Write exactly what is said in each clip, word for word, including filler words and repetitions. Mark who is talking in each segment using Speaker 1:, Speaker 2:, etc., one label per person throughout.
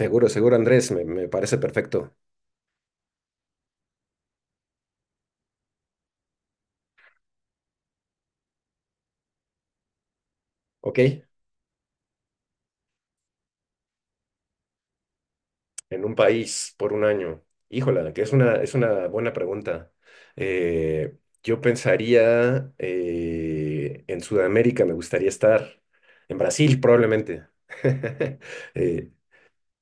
Speaker 1: Seguro, seguro, Andrés, me, me parece perfecto. Ok, en un país por un año. Híjola, que es una, es una buena pregunta. Eh, yo pensaría eh, en Sudamérica, me gustaría estar. En Brasil, probablemente. Eh,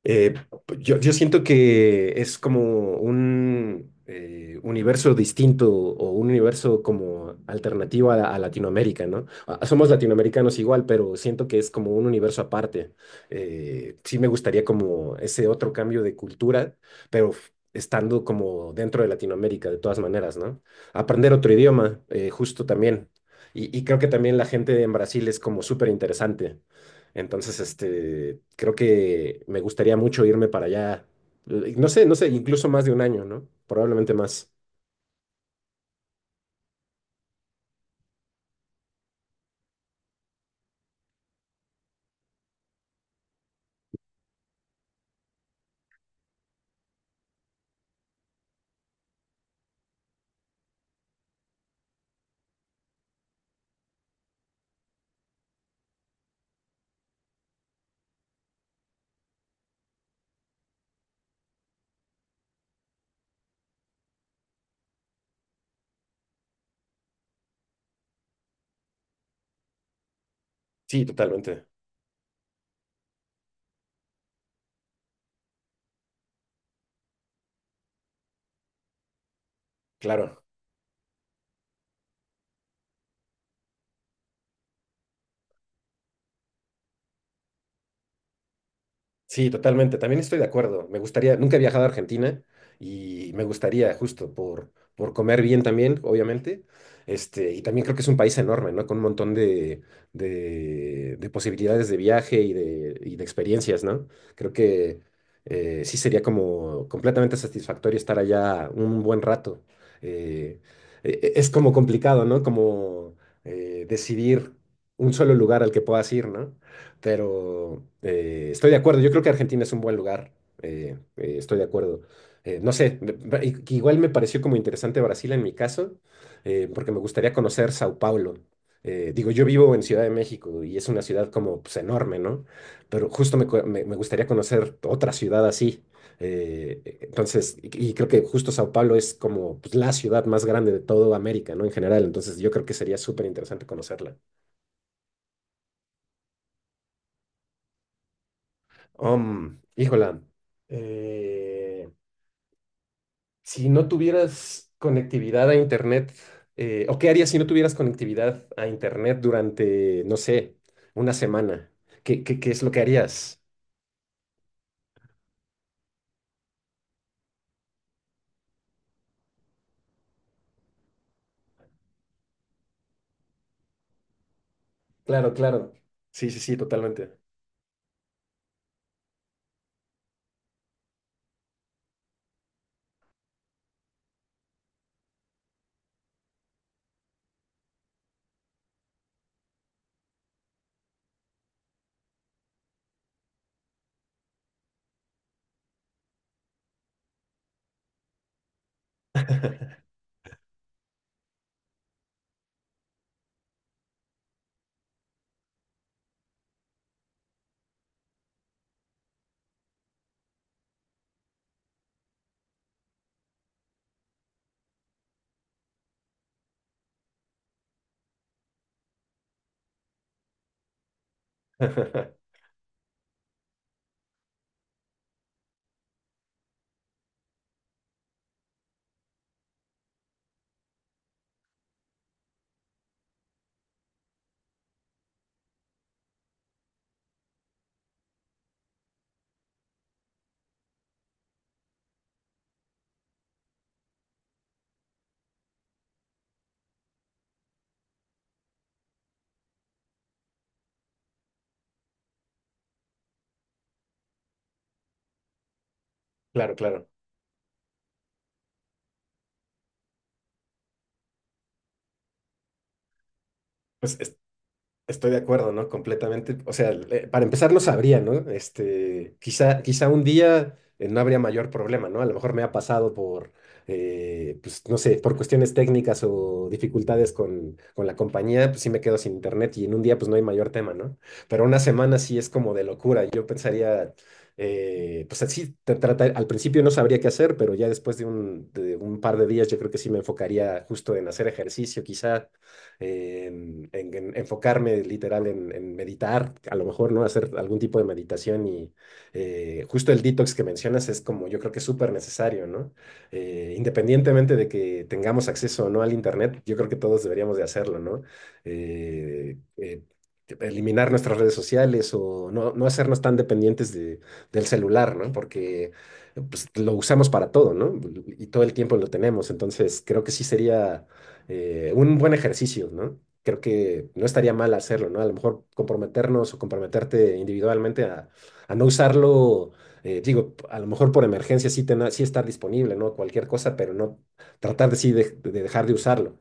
Speaker 1: Eh, yo, yo siento que es como un eh, universo distinto o un universo como alternativo a, la- a Latinoamérica, ¿no? Ah, somos latinoamericanos igual, pero siento que es como un universo aparte. Eh, sí me gustaría como ese otro cambio de cultura, pero f- estando como dentro de Latinoamérica de todas maneras, ¿no? Aprender otro idioma, eh, justo también. Y, y creo que también la gente en Brasil es como súper interesante. Entonces, este, creo que me gustaría mucho irme para allá. eh, No sé, no sé, incluso más de un año, ¿no? Probablemente más. Sí, totalmente. Claro. Sí, totalmente. También estoy de acuerdo. Me gustaría, nunca he viajado a Argentina y me gustaría justo por, por comer bien también, obviamente. Este, y también creo que es un país enorme, ¿no? Con un montón de, de, de posibilidades de viaje y de, y de experiencias, ¿no? Creo que eh, sí sería como completamente satisfactorio estar allá un buen rato. Eh, e- e- es como complicado, ¿no? Como eh, decidir un solo lugar al que puedas ir, ¿no? Pero eh, estoy de acuerdo. Yo creo que Argentina es un buen lugar. Eh, eh, estoy de acuerdo. Eh, no sé, me- me- i- que igual me pareció como interesante Brasil en mi caso, eh, porque me gustaría conocer Sao Paulo. Eh, digo, yo vivo en Ciudad de México y es una ciudad como pues, enorme, ¿no? Pero justo me, cu- me- me gustaría conocer otra ciudad así. Eh, e- entonces, y, y creo que justo Sao Paulo es como pues, la ciudad más grande de toda América, ¿no? En general, entonces yo creo que sería súper interesante conocerla. Um, híjola, eh, si no tuvieras conectividad a Internet, eh, ¿o qué harías si no tuvieras conectividad a Internet durante, no sé, una semana? ¿Qué, qué, qué es lo que harías? Claro, claro. Sí, sí, sí, totalmente. Claro, claro. Pues estoy de acuerdo, ¿no? Completamente. O sea, eh, para empezar no sabría, ¿no? Este, quizá, quizá un día eh, no habría mayor problema, ¿no? A lo mejor me ha pasado por, eh, pues, no sé, por cuestiones técnicas o dificultades con, con la compañía, pues sí me quedo sin internet y en un día pues no hay mayor tema, ¿no? Pero una semana sí es como de locura. Yo pensaría, eh, pues así, te trata- al principio no sabría qué hacer, pero ya después de un, de un par de días yo creo que sí me enfocaría justo en hacer ejercicio, quizá eh, en, en- enfocarme literal en, en meditar, a lo mejor, ¿no? Hacer algún tipo de meditación y eh, justo el detox que mencionas es como yo creo que es súper necesario, ¿no? Eh, independientemente de que tengamos acceso o no al internet, yo creo que todos deberíamos de hacerlo, ¿no? Eh, eh, Eliminar nuestras redes sociales o no, no hacernos tan dependientes de, del celular, ¿no? Porque pues, lo usamos para todo, ¿no? Y todo el tiempo lo tenemos. Entonces, creo que sí sería eh, un buen ejercicio, ¿no? Creo que no estaría mal hacerlo, ¿no? A lo mejor comprometernos o comprometerte individualmente a, a no usarlo, eh, digo, a lo mejor por emergencia sí, tener- sí estar disponible, ¿no? Cualquier cosa, pero no tratar de sí de, de dejar de usarlo.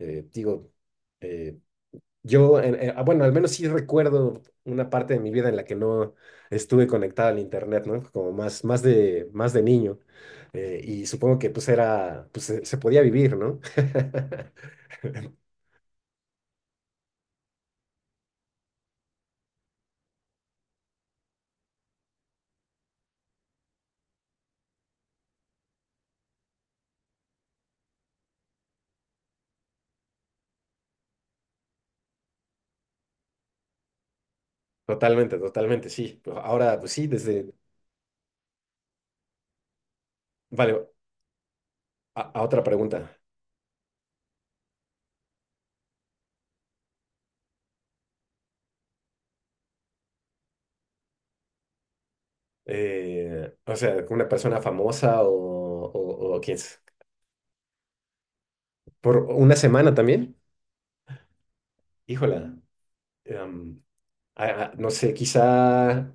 Speaker 1: Eh, digo, eh, yo, en- eh, ah, bueno, al menos sí recuerdo una parte de mi vida en la que no estuve conectado al internet, ¿no? Como más, más de, más de niño. Eh, y supongo que pues era, pues se se podía vivir, ¿no? Totalmente, totalmente, sí. Pues ahora, pues sí, desde... Vale, a, a otra pregunta. Eh, o sea, ¿una persona famosa o, o, o quién es? ¿Por una semana también? Híjola. em, a- a- no sé, quizá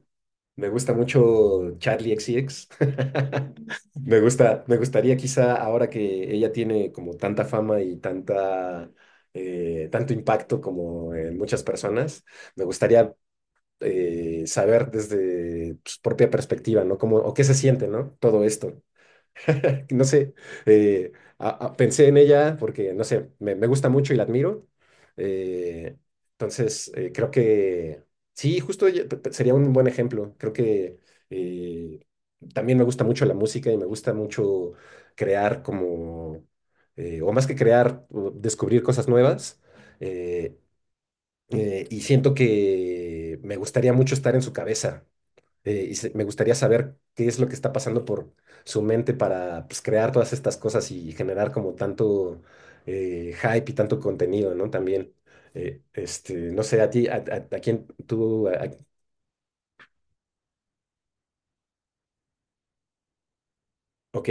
Speaker 1: me gusta mucho Charlie X C X. Me gusta, me gustaría quizá ahora que ella tiene como tanta fama y tanta, eh, tanto impacto como en muchas personas, me gustaría eh, saber desde su propia perspectiva, ¿no? Como, o qué se siente, ¿no? Todo esto. No sé, eh, a- a- pensé en ella porque, no sé, me, me gusta mucho y la admiro. Eh, entonces, eh, creo que, sí, justo ella- pe- pe- sería un buen ejemplo. Creo que eh, también me gusta mucho la música y me gusta mucho crear como, eh, o más que crear, o descubrir cosas nuevas. Eh, eh, y siento que me gustaría mucho estar en su cabeza eh, y se- me gustaría saber qué es lo que está pasando por su mente para pues, crear todas estas cosas y generar como tanto eh, hype y tanto contenido, ¿no? También, eh, este, no sé, a ti, a, a- a quién tú, a- a- ok,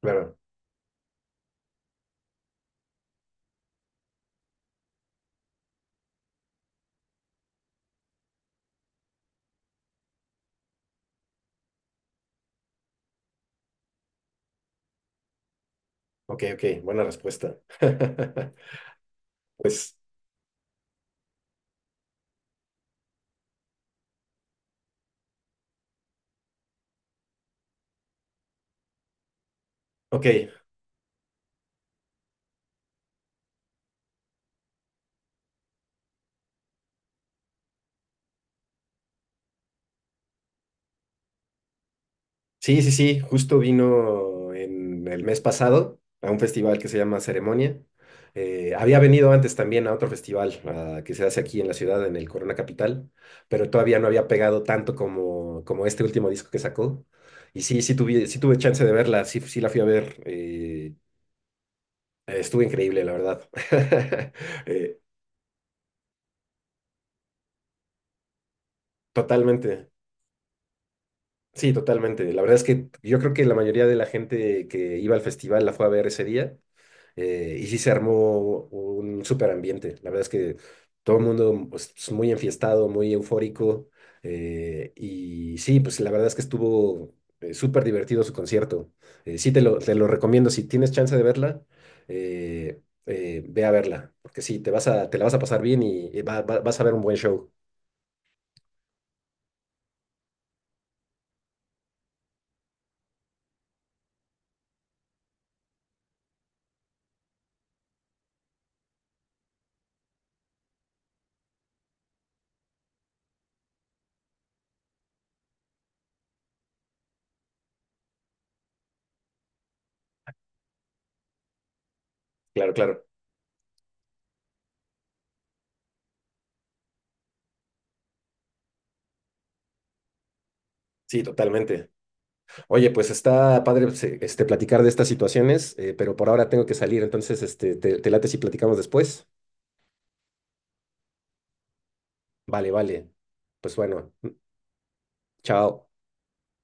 Speaker 1: claro, ok, ok, buena respuesta. Pues, ok, sí, sí, sí, justo vino en el mes pasado a un festival que se llama Ceremonia. Eh, había venido antes también a otro festival ah, que se hace aquí en la ciudad, en el Corona Capital, pero todavía no había pegado tanto como, como este último disco que sacó. Y sí, sí tuve, sí tuve chance de verla, sí, sí la fui a ver. Eh, eh, estuvo increíble, la verdad. Eh, totalmente, sí, totalmente. La verdad es que yo creo que la mayoría de la gente que iba al festival la fue a ver ese día. Eh, y sí se armó un súper ambiente. La verdad es que todo el mundo pues, es muy enfiestado, muy eufórico. Eh, y sí, pues la verdad es que estuvo eh, súper divertido su concierto. Eh, sí, te lo, te lo recomiendo. Si tienes chance de verla, eh, eh, ve a verla. Porque sí, te vas a, te la vas a pasar bien y, y va- va- vas a ver un buen show. Claro, claro. Sí, totalmente. Oye, pues está padre pues, eh, este, platicar de estas situaciones, eh, pero por ahora tengo que salir, entonces este, te, te late si platicamos después. Vale, vale. Pues bueno, chao.